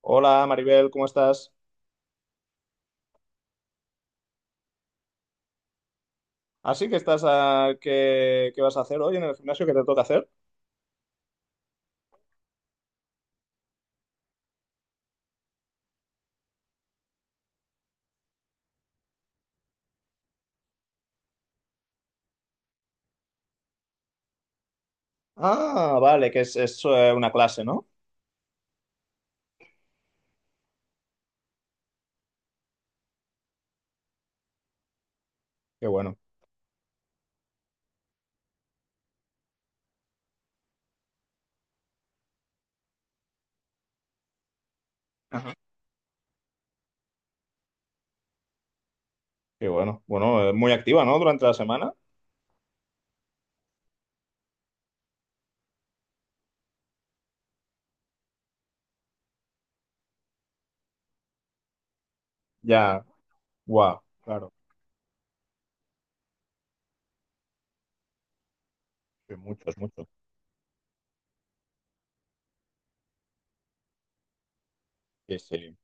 Hola Maribel, ¿cómo estás? Así que estás a... ¿Qué vas a hacer hoy en el gimnasio? ¿Qué te toca hacer? Ah, vale, que es una clase, ¿no? Qué bueno. Ajá, qué bueno. Bueno, muy activa, ¿no? Durante la semana. Ya, guau, claro, que mucho, es mucho. Sí, sí.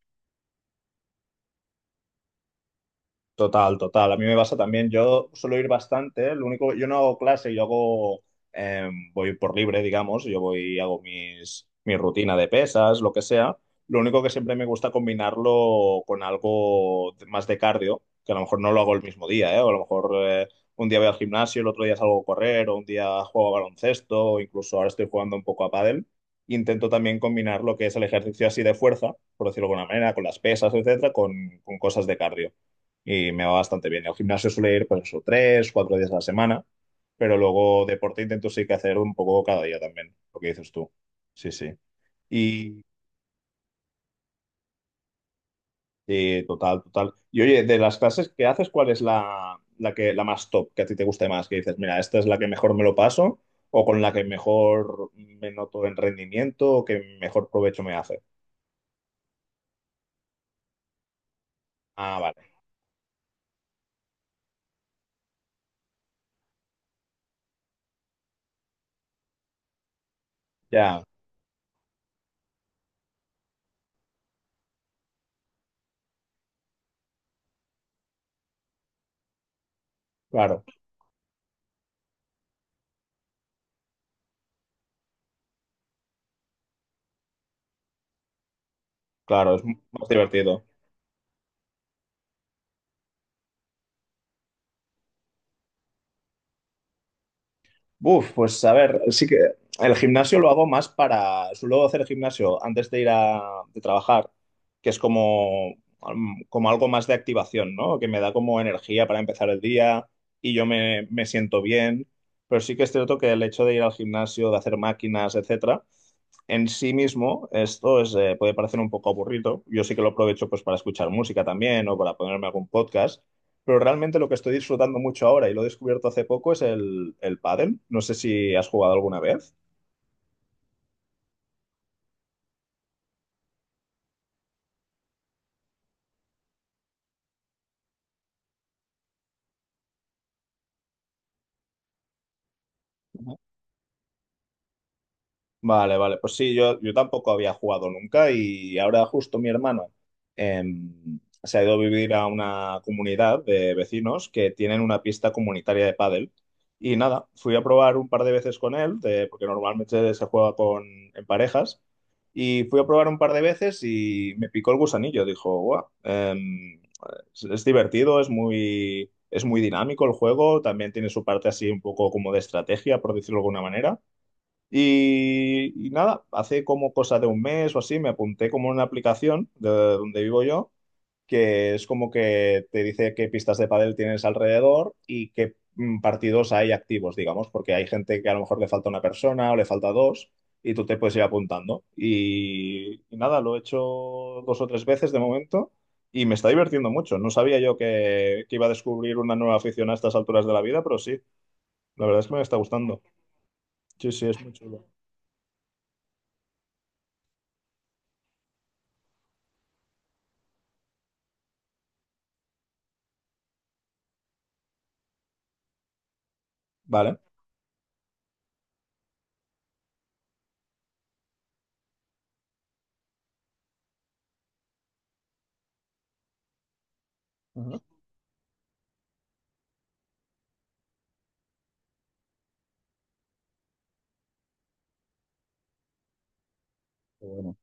Total, total. A mí me pasa también. Yo suelo ir bastante, ¿eh? Lo único, yo no hago clase, yo hago, voy por libre, digamos. Yo voy, hago mi rutina de pesas, lo que sea. Lo único que siempre me gusta combinarlo con algo más de cardio, que a lo mejor no lo hago el mismo día, ¿eh? O a lo mejor un día voy al gimnasio, el otro día salgo a correr, o un día juego a baloncesto, o incluso ahora estoy jugando un poco a pádel. Intento también combinar lo que es el ejercicio así de fuerza, por decirlo de alguna manera, con las pesas, etcétera, con cosas de cardio y me va bastante bien. Al gimnasio suele ir pues eso, tres, cuatro días a la semana, pero luego deporte intento sí que hacer un poco cada día también, lo que dices tú. Sí, sí. Y sí, total, total. Y oye, de las clases que haces, ¿cuál es la más top que a ti te guste más? Que dices, mira, esta es la que mejor me lo paso o con la que mejor me noto en rendimiento o que mejor provecho me hace. Ah, vale. Ya, claro, claro, es más divertido. Uf, pues a ver, sí que el gimnasio lo hago más para, suelo hacer gimnasio antes de ir a de trabajar, que es como, como algo más de activación, ¿no? Que me da como energía para empezar el día y yo me siento bien, pero sí que es cierto que el hecho de ir al gimnasio, de hacer máquinas, etcétera, en sí mismo esto es, puede parecer un poco aburrido. Yo sí que lo aprovecho pues para escuchar música también o para ponerme algún podcast, pero realmente lo que estoy disfrutando mucho ahora y lo he descubierto hace poco es el pádel. No sé si has jugado alguna vez. Ujú. Vale, vale. Pues sí, yo tampoco había jugado nunca y ahora justo mi hermano se ha ido a vivir a una comunidad de vecinos que tienen una pista comunitaria de pádel. Y nada, fui a probar un par de veces con él, de- porque normalmente se juega con, en parejas. Y fui a probar un par de veces y me picó el gusanillo. Dijo, guau, es divertido, es muy dinámico el juego. También tiene su parte así un poco como de estrategia, por decirlo de alguna manera. Y nada, hace como cosa de un mes o así me apunté como en una aplicación de donde vivo yo, que es como que te dice qué pistas de pádel tienes alrededor y qué partidos hay activos, digamos, porque hay gente que a lo mejor le falta una persona o le falta dos y tú te puedes ir apuntando. Y nada, lo he hecho dos o tres veces de momento y me está divirtiendo mucho. No sabía yo que iba a descubrir una nueva afición a estas alturas de la vida, pero sí, la verdad es que me está gustando. Sí, sí, es muy chulo. Vale. Ajá. Qué bueno.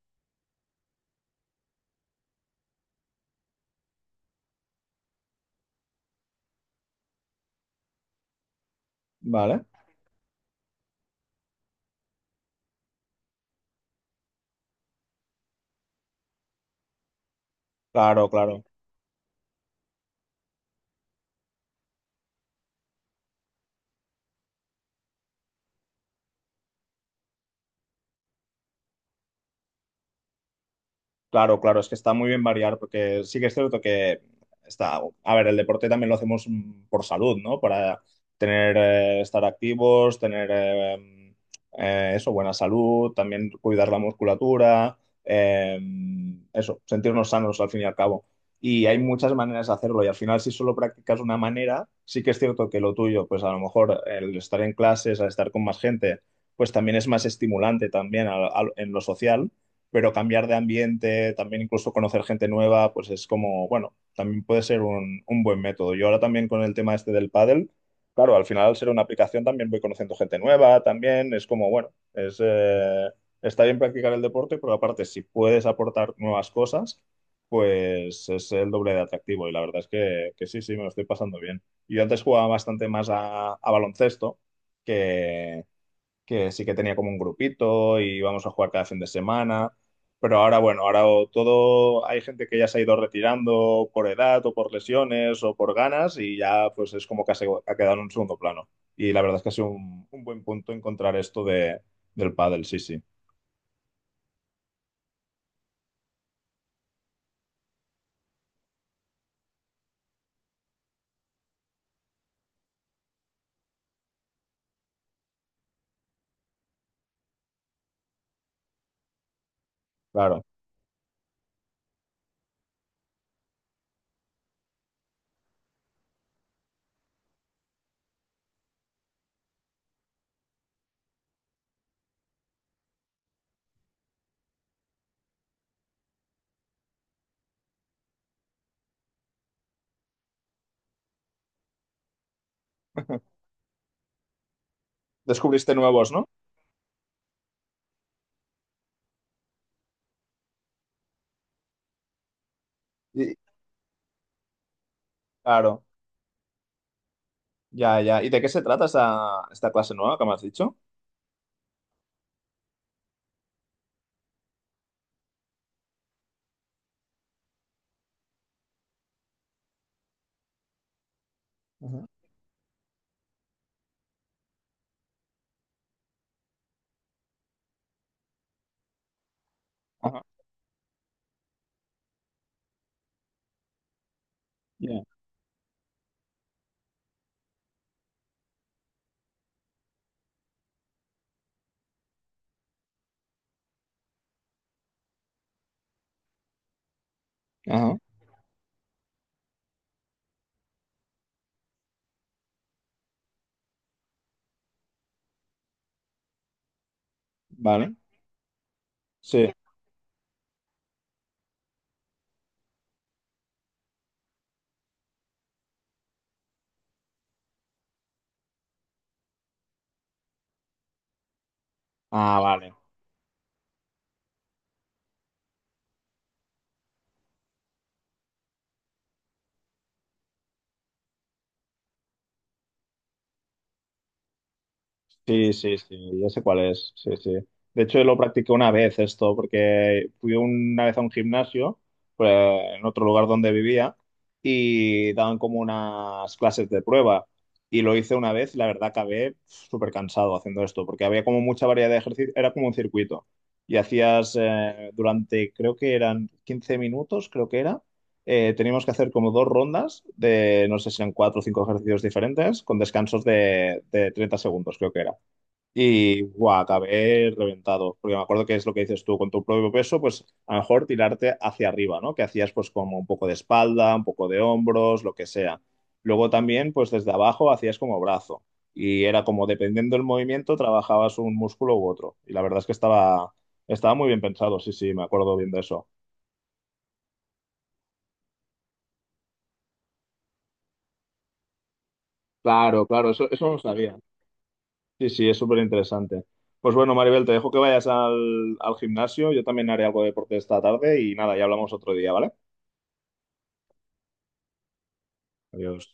Vale. Claro, claro. Claro, claro, es que está muy bien variar porque sí que es cierto que está, a ver, el deporte también lo hacemos por salud, ¿no? Para tener, estar activos, tener eso, buena salud, también cuidar la musculatura, eh, eso, sentirnos sanos al fin y al cabo. Y hay muchas maneras de hacerlo y al final si solo practicas una manera, sí que es cierto que lo tuyo, pues a lo mejor el estar en clases, al estar con más gente, pues también es más estimulante también en lo social, pero cambiar de ambiente, también incluso conocer gente nueva, pues es como, bueno, también puede ser un buen método. Yo ahora también con el tema este del pádel, claro, al final al ser una aplicación también voy conociendo gente nueva, también es como, bueno, es, está bien practicar el deporte, pero aparte si puedes aportar nuevas cosas, pues es el doble de atractivo y la verdad es que sí, sí, me lo estoy pasando bien. Yo antes jugaba bastante más a baloncesto que, que sí que tenía como un grupito y íbamos a jugar cada fin de semana. Pero ahora, bueno, ahora o todo, hay gente que ya se ha ido retirando por edad o por lesiones o por ganas y ya pues es como que ha quedado en un segundo plano. Y la verdad es que ha sido un buen punto encontrar esto de, del pádel, sí, sí, claro. Descubriste nuevos, ¿no? Y, claro, ya, ya. ¿Y de qué se trata esta clase nueva que me has dicho? Ajá. Ajá. Ya. Ajá. Vale. Sí. Ah, vale. Sí, sí, sí, ya sé cuál es. Sí, sí. De hecho, lo practiqué una vez esto, porque fui una vez a un gimnasio, pues, en otro lugar donde vivía, y daban como unas clases de prueba. Y lo hice una vez, y la verdad acabé súper cansado haciendo esto, porque había como mucha variedad de ejercicios, era como un circuito. Y hacías durante, creo que eran 15 minutos, creo que era. Teníamos que hacer como dos rondas de, no sé si eran cuatro o cinco ejercicios diferentes, con descansos de 30 segundos, creo que era. Y guau, acabé reventado, porque me acuerdo que es lo que dices tú, con tu propio peso, pues a lo mejor tirarte hacia arriba, ¿no? Que hacías pues como un poco de espalda, un poco de hombros, lo que sea. Luego también pues desde abajo hacías como brazo y era como dependiendo del movimiento trabajabas un músculo u otro. Y la verdad es que estaba, estaba muy bien pensado, sí, sí, me acuerdo bien de eso. Claro, claro, eso no lo sabía. Sí, sí, es súper interesante. Pues bueno, Maribel, te dejo que vayas al, al gimnasio, yo también haré algo de deporte esta tarde y nada, ya hablamos otro día, ¿vale? Adiós.